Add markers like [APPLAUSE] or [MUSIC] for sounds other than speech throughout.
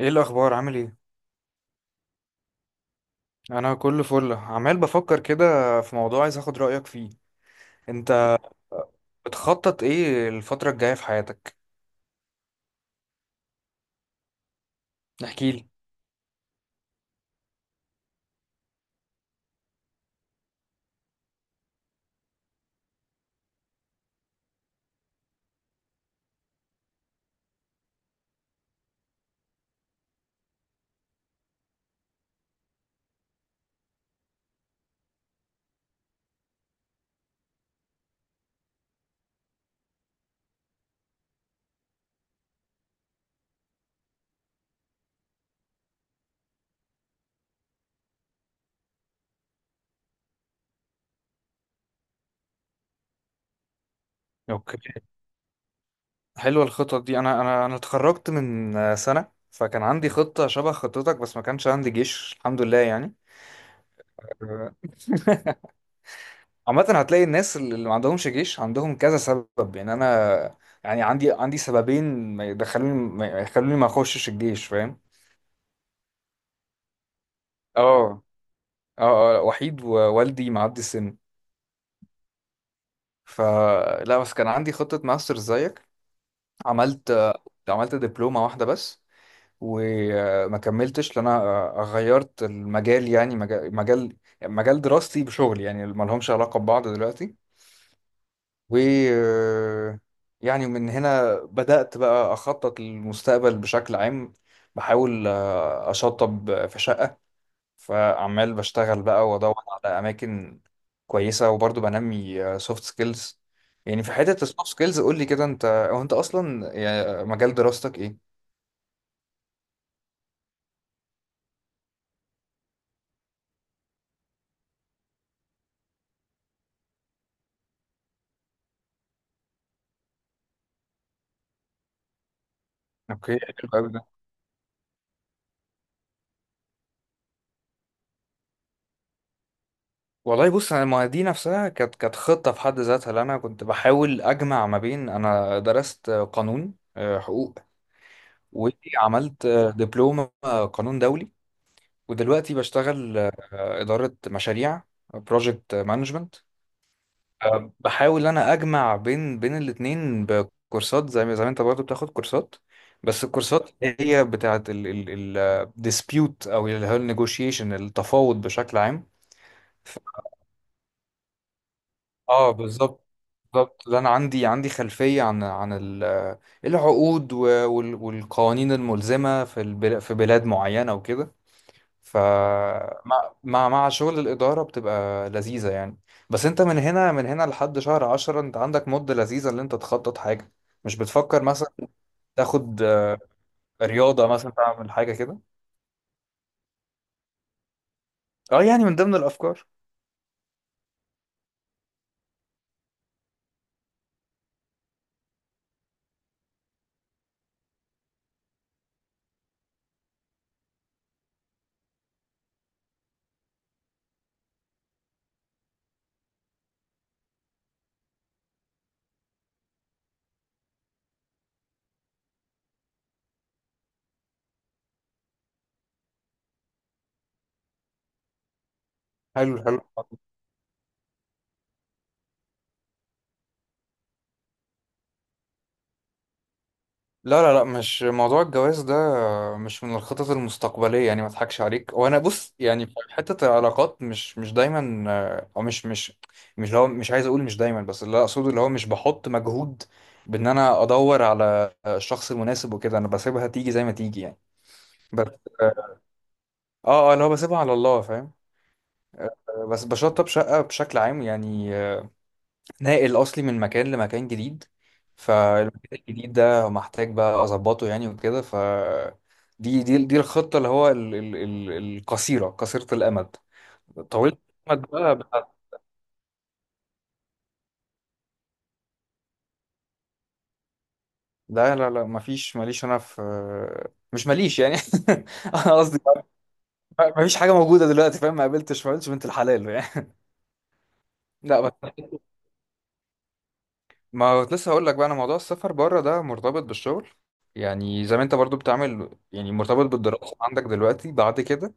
ايه الاخبار؟ عامل ايه؟ انا كله فل، عمال بفكر كده في موضوع عايز اخد رايك فيه. انت بتخطط ايه الفتره الجايه في حياتك؟ احكي لي. اوكي، حلوه الخطط دي. انا اتخرجت من سنه، فكان عندي خطه شبه خطتك، بس ما كانش عندي جيش، الحمد لله يعني. آه، عامه هتلاقي الناس اللي ما عندهمش جيش عندهم كذا سبب، يعني انا يعني عندي سببين ما يخلوني ما اخشش الجيش، فاهم؟ اه اه وحيد، ووالدي معدي السن. فلا، بس كان عندي خطة ماستر زيك. عملت عملت دبلومة واحدة بس، وما كملتش لأن أنا غيرت المجال، يعني مجال دراستي بشغل يعني ما لهمش علاقة ببعض دلوقتي. و يعني من هنا بدأت بقى أخطط للمستقبل بشكل عام. بحاول أشطب في شقة، فعمال بشتغل بقى وادور على اماكن كويسه، وبرضه بنمي سوفت سكيلز. يعني في حته السوفت سكيلز قول لي كده انت، انت اصلا يعني مجال دراستك ايه؟ اوكي، حلو قوي ده. والله بص انا، ما دي نفسها كانت خطه في حد ذاتها، اللي انا كنت بحاول اجمع ما بين، انا درست قانون حقوق، وعملت دبلومه قانون دولي، ودلوقتي بشتغل اداره مشاريع، بروجكت مانجمنت. بحاول ان انا اجمع بين الاتنين بكورسات، زي ما انت برضه بتاخد كورسات، بس الكورسات اللي هي بتاعت الديسبيوت او اللي هو النيجوشيشن، التفاوض بشكل عام. اه بالظبط، بالظبط ده. انا عندي خلفيه عن العقود والقوانين الملزمه في في بلاد معينه وكده. فمع مع مع شغل الإدارة بتبقى لذيذة يعني. بس انت من هنا لحد شهر عشرة، انت عندك مدة لذيذة اللي انت تخطط حاجة. مش بتفكر مثلا تاخد رياضة مثلا، تعمل حاجة كده؟ اه يعني من ضمن الأفكار. حلو حلو. لا لا لا، مش موضوع الجواز ده، مش من الخطط المستقبلية يعني، ما اضحكش عليك وانا. بص يعني في حتة العلاقات، مش دايما او مش اللي هو، مش عايز اقول مش دايما، بس اللي اقصده اللي هو مش بحط مجهود بان انا ادور على الشخص المناسب وكده. انا بسيبها تيجي زي ما تيجي يعني. بس اه اللي هو بسيبها على الله، فاهم؟ بس بشطب شقة بشكل عام يعني، ناقل اصلي من مكان لمكان جديد. فالمكان الجديد ده محتاج بقى اظبطه يعني وكده. دي الخطه اللي هو القصيره، قصيره الامد. طويله الامد بقى, بقى. لا لا لا، مفيش، ماليش انا في، مش ماليش يعني. [LAUGHS] انا قصدي، مفيش حاجه موجوده دلوقتي، فاهم؟ ما قابلتش بنت الحلال يعني. [LAUGHS] لا بس، ما كنت لسه هقول لك بقى، انا موضوع السفر بره ده مرتبط بالشغل، يعني زي ما انت برضو بتعمل، يعني مرتبط بالدراسه عندك دلوقتي. بعد كده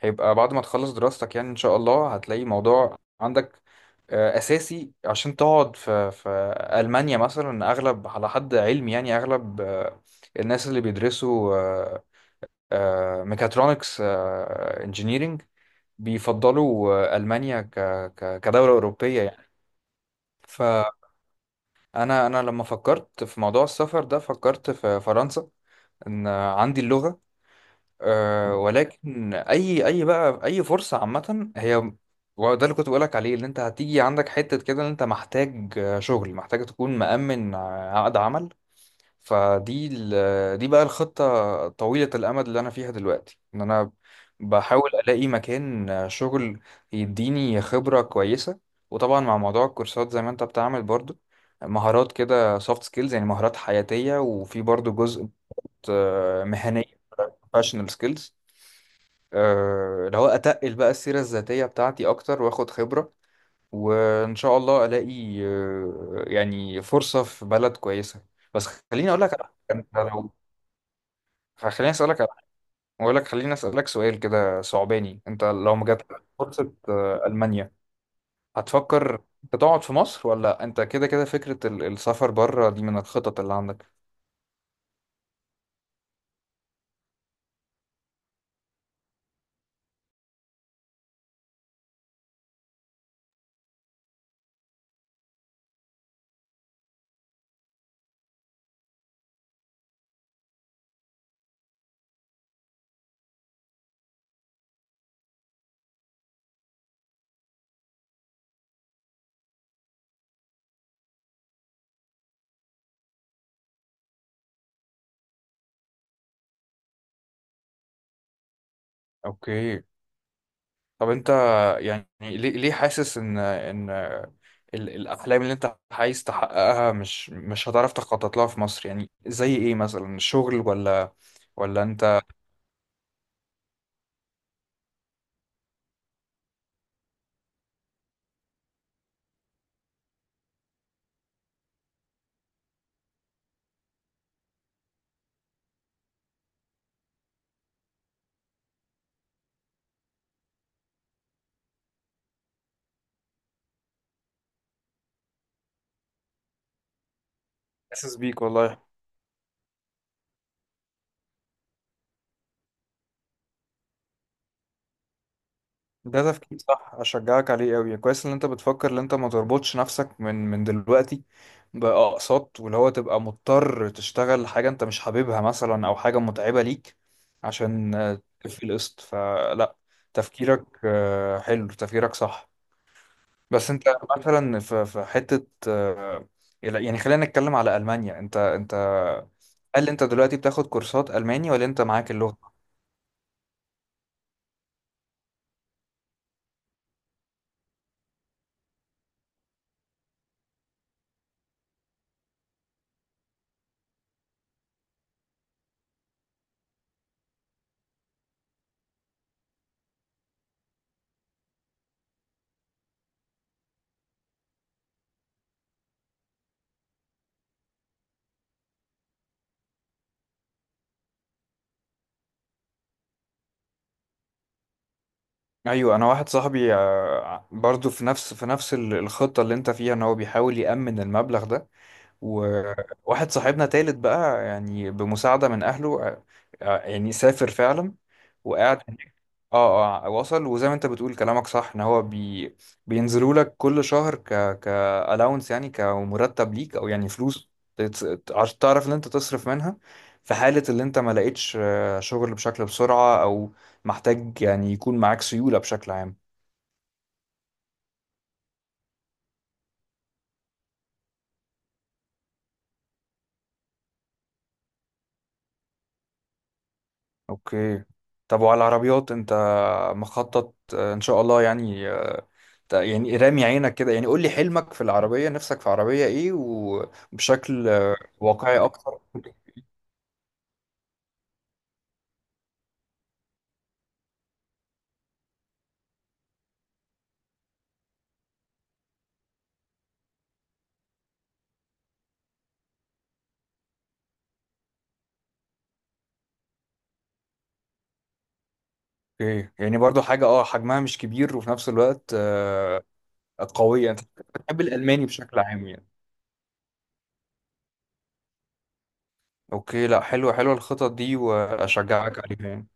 هيبقى بعد ما تخلص دراستك، يعني ان شاء الله هتلاقي موضوع عندك اساسي عشان تقعد في المانيا مثلا. اغلب على حد علمي، يعني اغلب الناس اللي بيدرسوا ميكاترونكس انجينيرينج بيفضلوا المانيا ك ك كدوله اوروبيه يعني. فانا انا لما فكرت في موضوع السفر ده، فكرت في فرنسا، ان عندي اللغه. أه ولكن اي بقى، اي فرصه عامه هي. وده اللي كنت بقولك عليه، اللي انت هتيجي عندك حته كده ان انت محتاج شغل، محتاج تكون مأمن عقد عمل. دي بقى الخطه طويله الامد اللي انا فيها دلوقتي، ان انا بحاول الاقي مكان شغل يديني خبره كويسه. وطبعا مع موضوع الكورسات زي ما انت بتعمل برضو، مهارات كده سوفت سكيلز يعني، مهارات حياتيه، وفي برضو جزء مهنيه، professional skills. لو اتقل بقى السيرة الذاتية بتاعتي اكتر واخد خبرة، وان شاء الله الاقي يعني فرصة في بلد كويسة. بس خليني اقول لك على حاجة، انت لو، خليني اسالك على- حاجة، اقول لك خليني اسالك سؤال كده صعباني، انت لو ما جاتلك فرصة المانيا، هتفكر انت تقعد في مصر؟ ولا انت كده كده فكرة السفر بره دي من الخطط اللي عندك؟ اوكي، طب انت يعني ليه حاسس ان الاحلام اللي انت عايز تحققها مش هتعرف تخطط لها في مصر؟ يعني زي ايه مثلا، الشغل ولا؟ ولا انت، حاسس بيك والله. ده تفكير صح، اشجعك عليه قوي، كويس ان انت بتفكر ان انت ما تربطش نفسك من دلوقتي باقساط، واللي هو تبقى مضطر تشتغل حاجه انت مش حاببها مثلا، او حاجه متعبه ليك عشان تكفي القسط. فلا، تفكيرك حلو، تفكيرك صح. بس انت مثلا في حته يعني، خلينا نتكلم على المانيا. انت هل انت دلوقتي بتاخد كورسات الماني، ولا انت معاك اللغه؟ ايوه، انا واحد صاحبي برضو في نفس، في نفس الخطه اللي انت فيها، ان هو بيحاول يامن المبلغ ده. وواحد صاحبنا تالت بقى، يعني بمساعده من اهله يعني سافر فعلا وقاعد. اه اه، وصل، وزي ما انت بتقول كلامك صح، ان هو بينزلوا لك كل شهر ك ك allowance يعني، كمرتب ليك او يعني فلوس عشان تعرف ان انت تصرف منها في حالة اللي انت ما لقيتش شغل بشكل بسرعة، او محتاج يعني يكون معاك سيولة بشكل عام. اوكي، طب وعلى العربيات انت مخطط ان شاء الله يعني يعني رامي عينك كده؟ يعني قول لي حلمك في العربية، نفسك في عربية ايه؟ وبشكل واقعي اكتر. اوكي، يعني برضو حاجة اه حجمها مش كبير، وفي نفس الوقت آه قوية. انت بتحب الألماني بشكل عام يعني؟ اوكي، لا حلوة حلوة الخطط دي، وأشجعك عليها يعني.